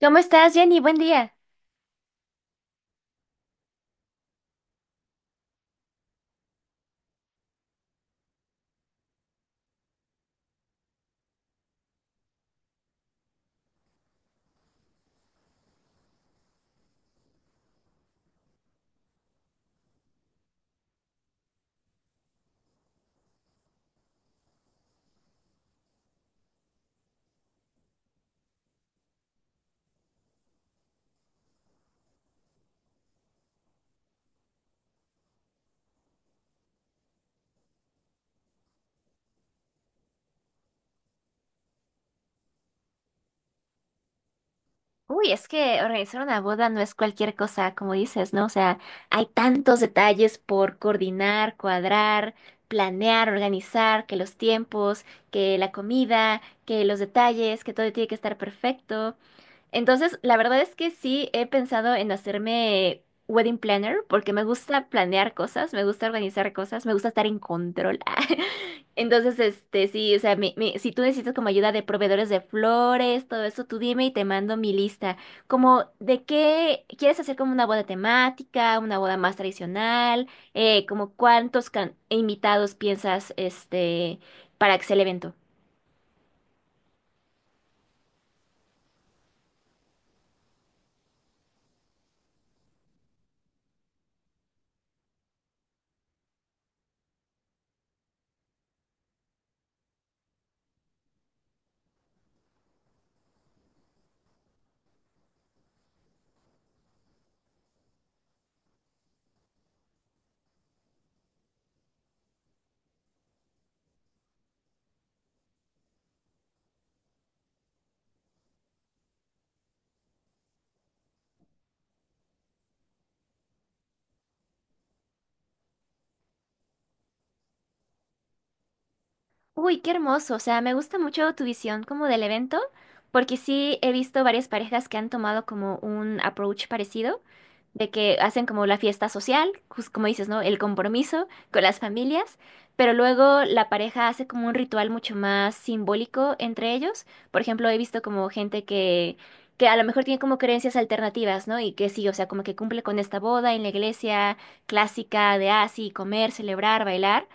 ¿Cómo estás, Jenny? Buen día. Uy, es que organizar una boda no es cualquier cosa, como dices, ¿no? O sea, hay tantos detalles por coordinar, cuadrar, planear, organizar, que los tiempos, que la comida, que los detalles, que todo tiene que estar perfecto. Entonces, la verdad es que sí he pensado en hacerme wedding planner porque me gusta planear cosas, me gusta organizar cosas, me gusta estar en control. Entonces, sí, o sea, si tú necesitas como ayuda de proveedores de flores, todo eso, tú dime y te mando mi lista. Como de qué quieres hacer como una boda temática, una boda más tradicional, como cuántos invitados piensas, para que sea el evento. Uy, qué hermoso. O sea, me gusta mucho tu visión como del evento, porque sí he visto varias parejas que han tomado como un approach parecido, de que hacen como la fiesta social, como dices, ¿no? El compromiso con las familias, pero luego la pareja hace como un ritual mucho más simbólico entre ellos. Por ejemplo, he visto como gente que a lo mejor tiene como creencias alternativas, ¿no? Y que sí, o sea, como que cumple con esta boda en la iglesia clásica de así, comer, celebrar, bailar,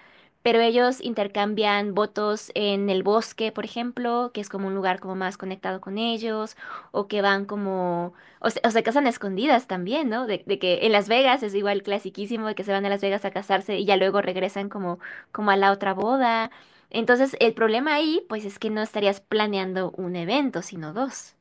pero ellos intercambian votos en el bosque, por ejemplo, que es como un lugar como más conectado con ellos, o que van como, o se casan a escondidas también, ¿no? De que en Las Vegas es igual clasiquísimo de que se van a Las Vegas a casarse y ya luego regresan como, como a la otra boda. Entonces, el problema ahí, pues es que no estarías planeando un evento, sino dos.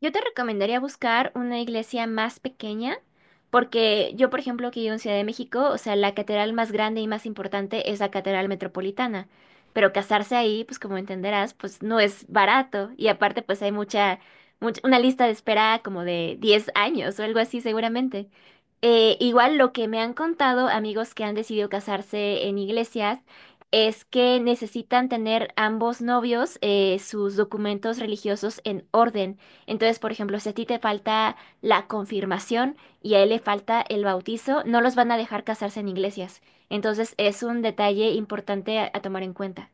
Yo te recomendaría buscar una iglesia más pequeña, porque yo, por ejemplo, que vivo en Ciudad de México, o sea, la catedral más grande y más importante es la Catedral Metropolitana. Pero casarse ahí, pues como entenderás, pues no es barato. Y aparte, pues hay una lista de espera como de 10 años o algo así seguramente. Igual lo que me han contado amigos que han decidido casarse en iglesias es que necesitan tener ambos novios sus documentos religiosos en orden. Entonces, por ejemplo, si a ti te falta la confirmación y a él le falta el bautizo, no los van a dejar casarse en iglesias. Entonces, es un detalle importante a tomar en cuenta.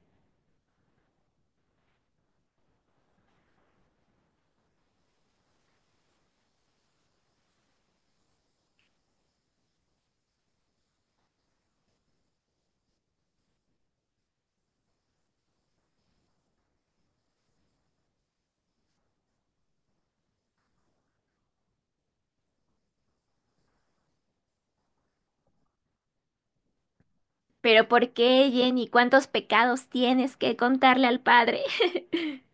Pero ¿por qué, Jenny? ¿Cuántos pecados tienes que contarle al padre?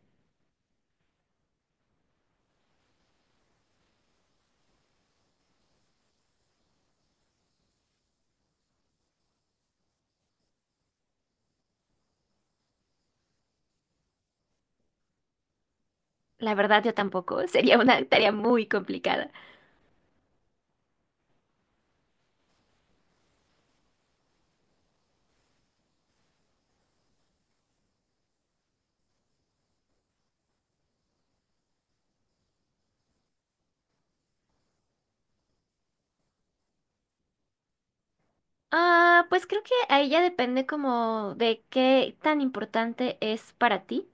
La verdad, yo tampoco. Sería una tarea muy complicada. Ah, pues creo que ahí ya depende como de qué tan importante es para ti.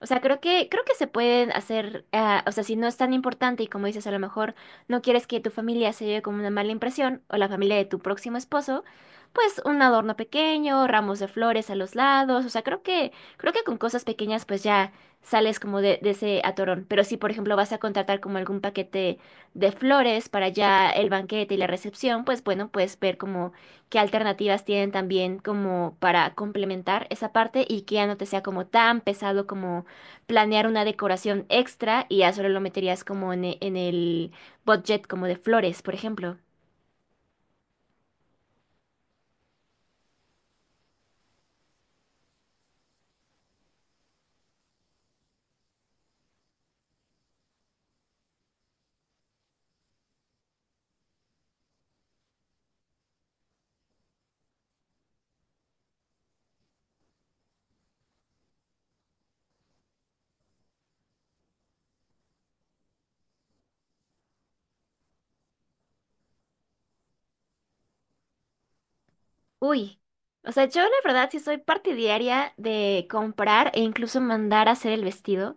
O sea, creo que se pueden hacer, ah, o sea, si no es tan importante y como dices, a lo mejor no quieres que tu familia se lleve como una mala impresión o la familia de tu próximo esposo, pues un adorno pequeño, ramos de flores a los lados, o sea, creo que con cosas pequeñas pues ya sales como de ese atorón. Pero si, por ejemplo, vas a contratar como algún paquete de flores para ya el banquete y la recepción, pues bueno, puedes ver como qué alternativas tienen también como para complementar esa parte y que ya no te sea como tan pesado como planear una decoración extra y ya solo lo meterías como en, en el budget como de flores, por ejemplo. Uy, o sea, yo la verdad sí soy partidaria de comprar e incluso mandar a hacer el vestido.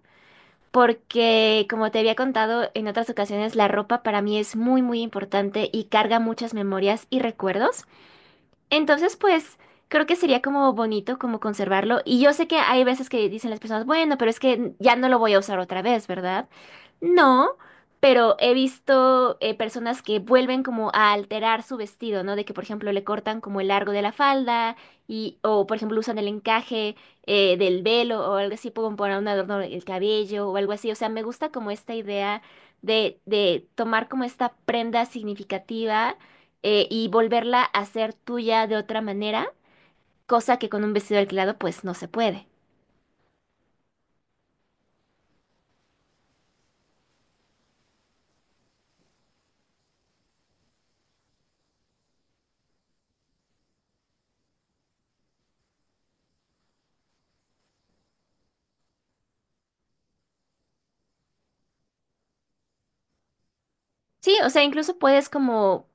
Porque, como te había contado en otras ocasiones, la ropa para mí es muy, muy importante y carga muchas memorias y recuerdos. Entonces, pues creo que sería como bonito como conservarlo. Y yo sé que hay veces que dicen las personas, bueno, pero es que ya no lo voy a usar otra vez, ¿verdad? No, pero he visto personas que vuelven como a alterar su vestido, ¿no? De que, por ejemplo, le cortan como el largo de la falda y, o, por ejemplo, usan el encaje del velo o algo así, pueden poner un adorno en el cabello o algo así. O sea, me gusta como esta idea de tomar como esta prenda significativa y volverla a ser tuya de otra manera, cosa que con un vestido alquilado pues no se puede. Sí, o sea, incluso puedes como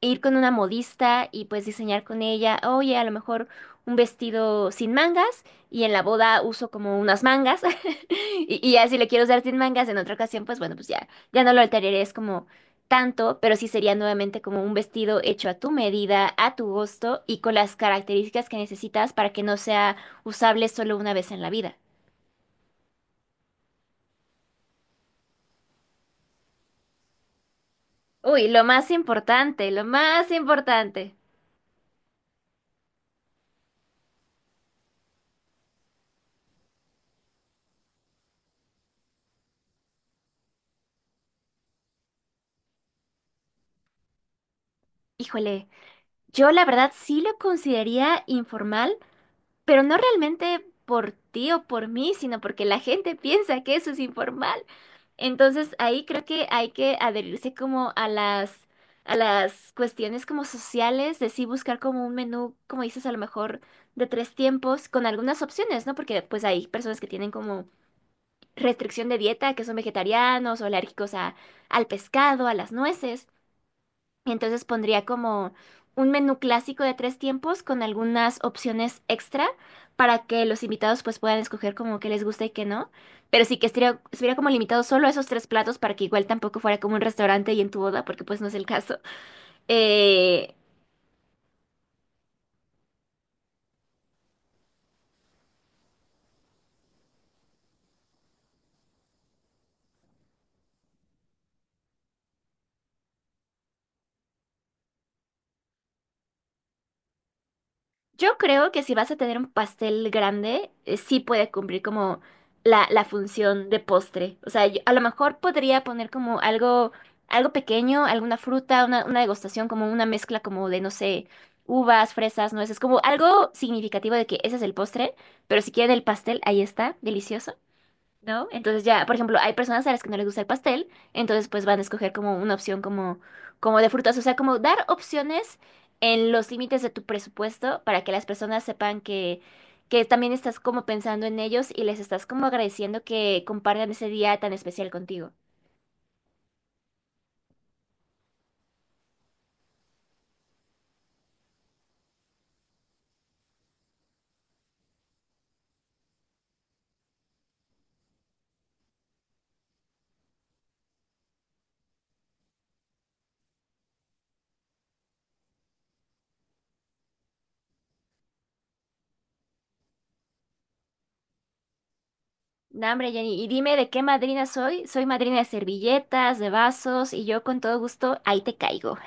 ir con una modista y pues diseñar con ella, oye, a lo mejor un vestido sin mangas y en la boda uso como unas mangas y ya si le quiero usar sin mangas en otra ocasión, pues bueno, pues ya no lo alteraré, es como tanto, pero sí sería nuevamente como un vestido hecho a tu medida, a tu gusto y con las características que necesitas para que no sea usable solo una vez en la vida. Uy, lo más importante, lo más importante. Híjole, yo la verdad sí lo consideraría informal. Pero no realmente por ti o por mí, sino porque la gente piensa que eso es informal. Entonces ahí creo que hay que adherirse como a a las cuestiones como sociales, de sí buscar como un menú, como dices, a lo mejor de tres tiempos, con algunas opciones, ¿no? Porque pues hay personas que tienen como restricción de dieta, que son vegetarianos o alérgicos al pescado, a las nueces. Entonces pondría como un menú clásico de tres tiempos con algunas opciones extra para que los invitados pues puedan escoger como que les gusta y que no. Pero sí que estuviera como limitado solo a esos tres platos para que igual tampoco fuera como un restaurante y en tu boda, porque pues no es el caso. Eh, Yo creo que si vas a tener un pastel grande, sí puede cumplir como la función de postre. O sea, yo a lo mejor podría poner como algo pequeño, alguna fruta, una degustación, como una mezcla como de, no sé, uvas, fresas, nueces, como algo significativo de que ese es el postre, pero si quieren el pastel, ahí está, delicioso. ¿No? Entonces ya, por ejemplo, hay personas a las que no les gusta el pastel, entonces pues van a escoger como una opción como de frutas, o sea, como dar opciones en los límites de tu presupuesto para que las personas sepan que también estás como pensando en ellos y les estás como agradeciendo que compartan ese día tan especial contigo. No, hombre, Jenny, y dime de qué madrina soy. Soy madrina de servilletas, de vasos, y yo con todo gusto ahí te caigo.